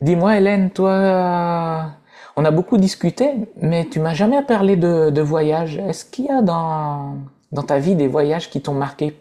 Dis-moi, Hélène, toi, on a beaucoup discuté, mais tu m'as jamais parlé de voyage. Est-ce qu'il y a dans ta vie des voyages qui t'ont marqué?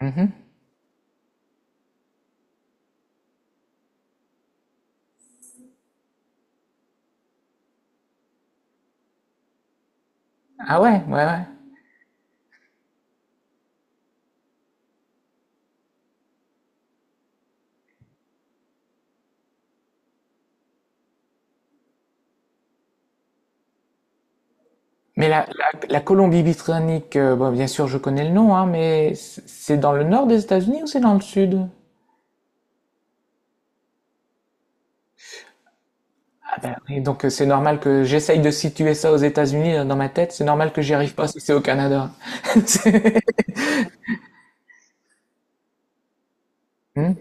Mhm. Ah ouais, ouais, ouais. Mais la Colombie-Britannique, bon, bien sûr, je connais le nom, hein, mais c'est dans le nord des États-Unis ou c'est dans le sud? Ah ben oui, donc c'est normal que j'essaye de situer ça aux États-Unis dans ma tête. C'est normal que j'y arrive pas si c'est au Canada. C'est- Mhm,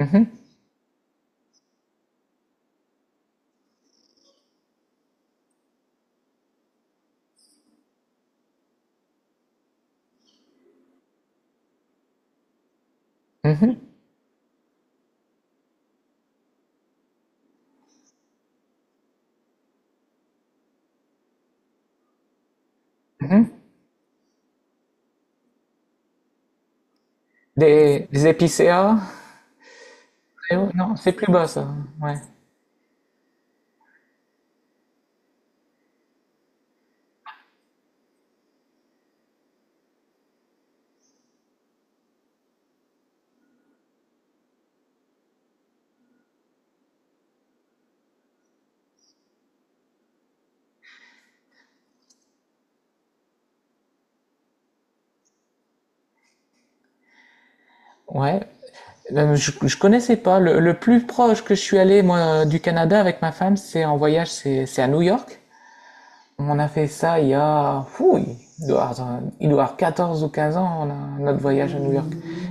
mhm, mhm, mhm. Des épicéas? Eh oui, non, c'est plus bas ça. Ouais. Ouais. Je connaissais pas. Le plus proche que je suis allé, moi, du Canada avec ma femme, c'est en voyage, c'est à New York. On a fait ça il y a, fou, il doit avoir 14 ou 15 ans, notre voyage à New York.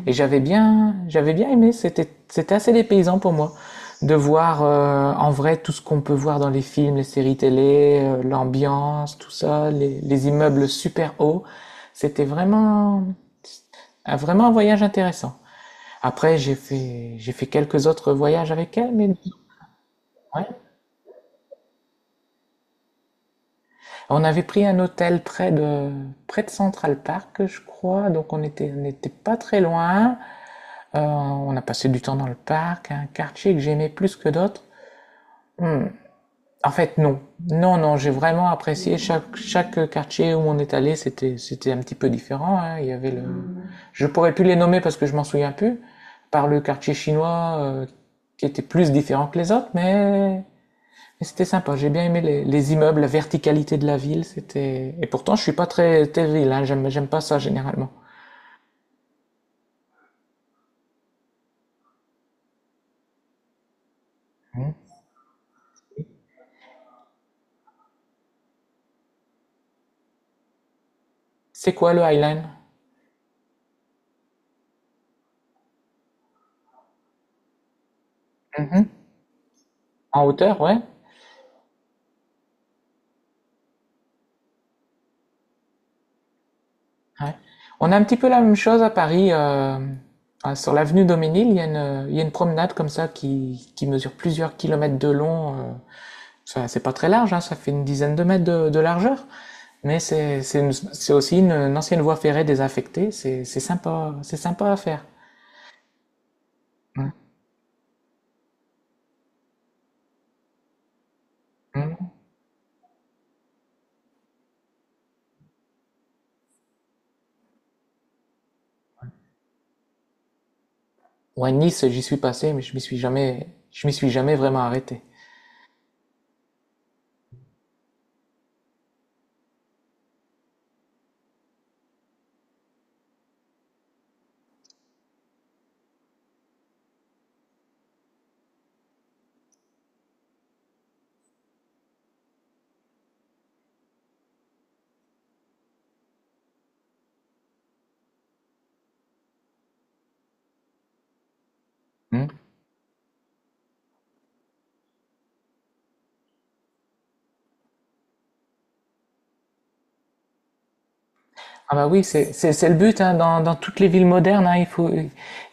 Et j'avais bien aimé. C'était assez dépaysant pour moi de voir en vrai tout ce qu'on peut voir dans les films, les séries télé, l'ambiance, tout ça, les immeubles super hauts. C'était vraiment, Ah, vraiment un voyage intéressant. Après, j'ai fait quelques autres voyages avec elle, mais ouais. On avait pris un hôtel près de Central Park, je crois, donc on n'était pas très loin. On a passé du temps dans le parc, un quartier que j'aimais plus que d'autres. Hmm. En fait, non. Non, non, j'ai vraiment apprécié chaque quartier où on est allé, c'était un petit peu différent, hein. Il y avait le, je pourrais plus les nommer parce que je m'en souviens plus, par le quartier chinois, qui était plus différent que les autres, mais c'était sympa. J'ai bien aimé les immeubles, la verticalité de la ville, c'était, et pourtant, je suis pas très ville, hein. J'aime pas ça généralement. C'est quoi le Highline? Mhm. En hauteur, ouais. Ouais. On a un petit peu la même chose à Paris. Sur l'avenue Daumesnil, il y a une, il y a une promenade comme ça qui mesure plusieurs kilomètres de long. Ça, c'est pas très large, hein, ça fait une dizaine de mètres de largeur. Mais c'est aussi une ancienne voie ferrée désaffectée. C'est sympa, c'est sympa à faire. Ouais. Mm. Ouais, Nice, j'y suis passé, mais je m'y suis jamais vraiment arrêté. Mm. Ah bah oui, c'est le but, hein, dans toutes les villes modernes, hein,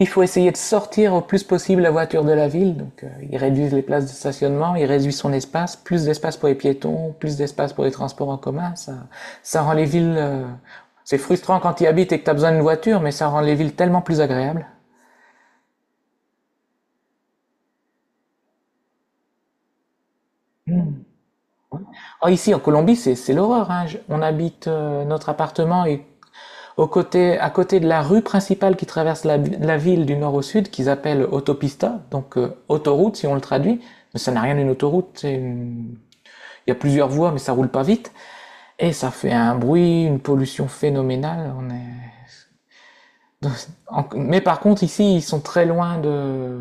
il faut essayer de sortir au plus possible la voiture de la ville. Donc ils réduisent les places de stationnement, ils réduisent son espace, plus d'espace pour les piétons, plus d'espace pour les transports en commun. Ça rend les villes... c'est frustrant quand tu y habites et que tu as besoin d'une voiture, mais ça rend les villes tellement plus agréables. Oh, ici, en Colombie, c'est l'horreur. Hein. On habite notre appartement et au côté, à côté de la rue principale qui traverse la ville du nord au sud, qu'ils appellent autopista, donc autoroute si on le traduit, mais ça n'a rien d'une autoroute, il y a plusieurs voies mais ça roule pas vite, et ça fait un bruit, une pollution phénoménale. On est... Mais par contre ici ils sont très loin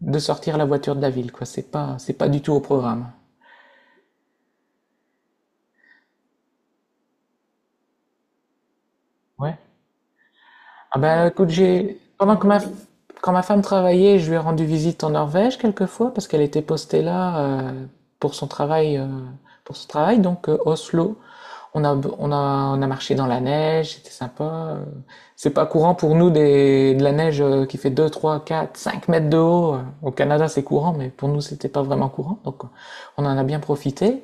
de sortir la voiture de la ville, quoi. C'est pas du tout au programme. Ouais. Ah bah écoute, j'ai pendant que ma quand ma femme travaillait, je lui ai rendu visite en Norvège quelquefois parce qu'elle était postée là euh, pour son travail euh, pour son travail donc Oslo. On a on a on a marché dans la neige, c'était sympa. C'est pas courant pour nous des de la neige qui fait 2, 3, 4, 5 mètres de haut. Au Canada, c'est courant mais pour nous, c'était pas vraiment courant. Donc on en a bien profité.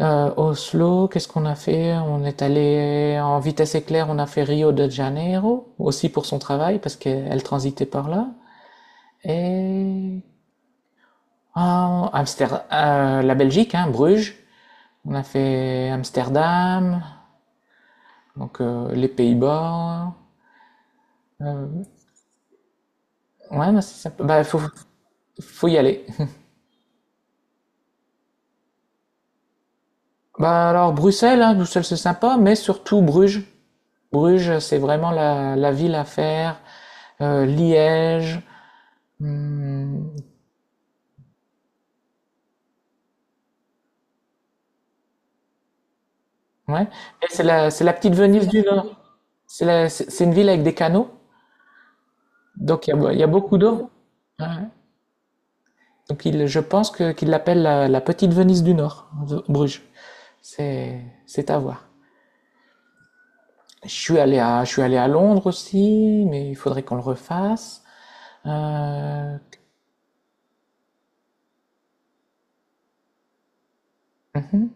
Oslo, qu'est-ce qu'on a fait? On est allé en vitesse éclair, on a fait Rio de Janeiro, aussi pour son travail, parce qu'elle transitait par là. Et ah, Amsterdam, la Belgique, hein, Bruges. On a fait Amsterdam, donc les Pays-Bas. Euh, ouais, bah, c'est sympa. Faut y aller. Bah, alors Bruxelles, hein, Bruxelles c'est sympa, mais surtout Bruges. Bruges, c'est vraiment la ville à faire. Liège. Hmm, ouais. Et c'est c'est la petite Venise du Nord. C'est la- c'est une ville avec des canaux, donc il y a beaucoup d'eau. Ouais. Donc il, je pense que qu'ils l'appellent la petite Venise du Nord, Bruges. C'est à voir. Je suis allé à Londres aussi, mais il faudrait qu'on le refasse. Euh, mhm.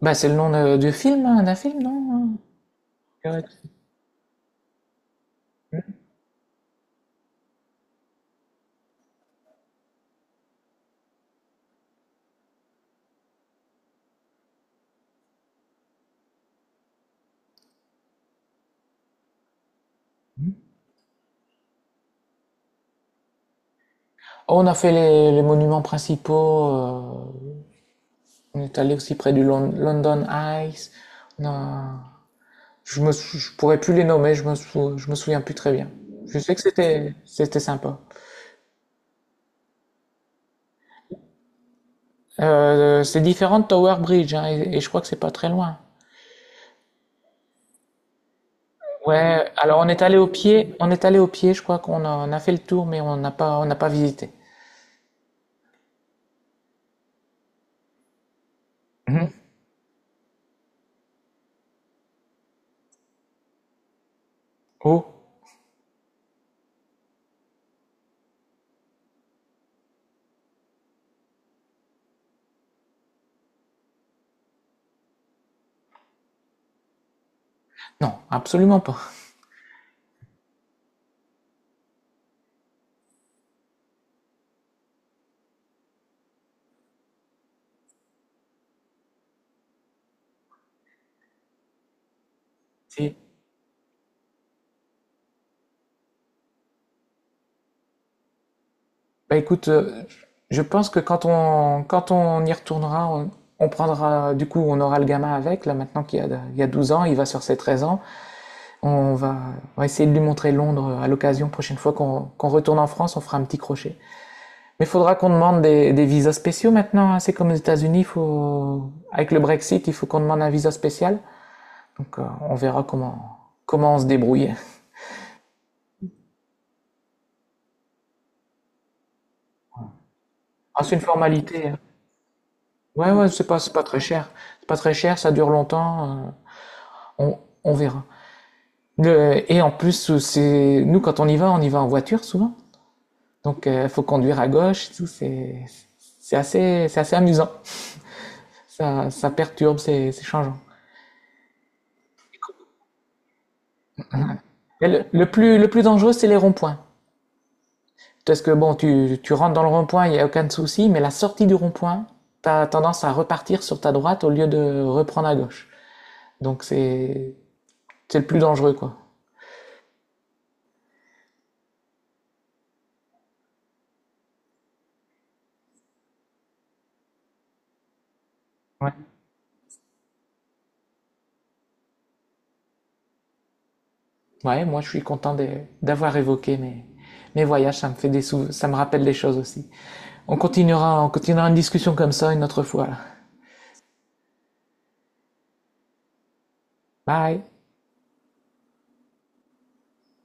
Bah, c'est le nom de- du film, hein, d'un film, non? Ouais. On a fait les monuments principaux. On est allé aussi près du London Eye. On a- je pourrais plus les nommer, je me souviens plus très bien. Je sais que c'était sympa. C'est différent de Tower Bridge hein, et je crois que c'est pas très loin. Ouais, alors on est allé au pied, je crois on a fait le tour mais on n'a pas visité. Mhm. Oh, non, absolument pas. Si. Bah écoute, je pense que quand on y retournera, on prendra du coup, on aura le gamin avec là maintenant qu'il y a il y a 12 ans, il va sur ses 13 ans. On va, on va essayer de lui montrer Londres à l'occasion. Prochaine fois qu'on retourne en France, on fera un petit crochet. Mais il faudra qu'on demande des visas spéciaux maintenant. Hein. C'est comme aux États-Unis, faut, avec le Brexit, il faut qu'on demande un visa spécial. Donc comment on se débrouille. Ah, c'est une formalité. Hein. C'est pas très cher. C'est pas très cher, ça dure longtemps. On, on verra. Et en plus, c'est, nous, quand on y va en voiture souvent. Donc il faut conduire à gauche et tout. C'est assez amusant. Ça perturbe, c'est changeant. Et le plus dangereux, c'est les ronds-points. Parce que bon, tu rentres dans le rond-point, il n'y a aucun souci, mais la sortie du rond-point, tu as tendance à repartir sur ta droite au lieu de reprendre à gauche. Donc c'est c'est le plus dangereux, quoi. Ouais. Ouais, moi je suis content d'avoir évoqué mes voyages, ça me fait ça me rappelle des choses aussi. On continuera une discussion comme ça une autre fois. Là. Bye!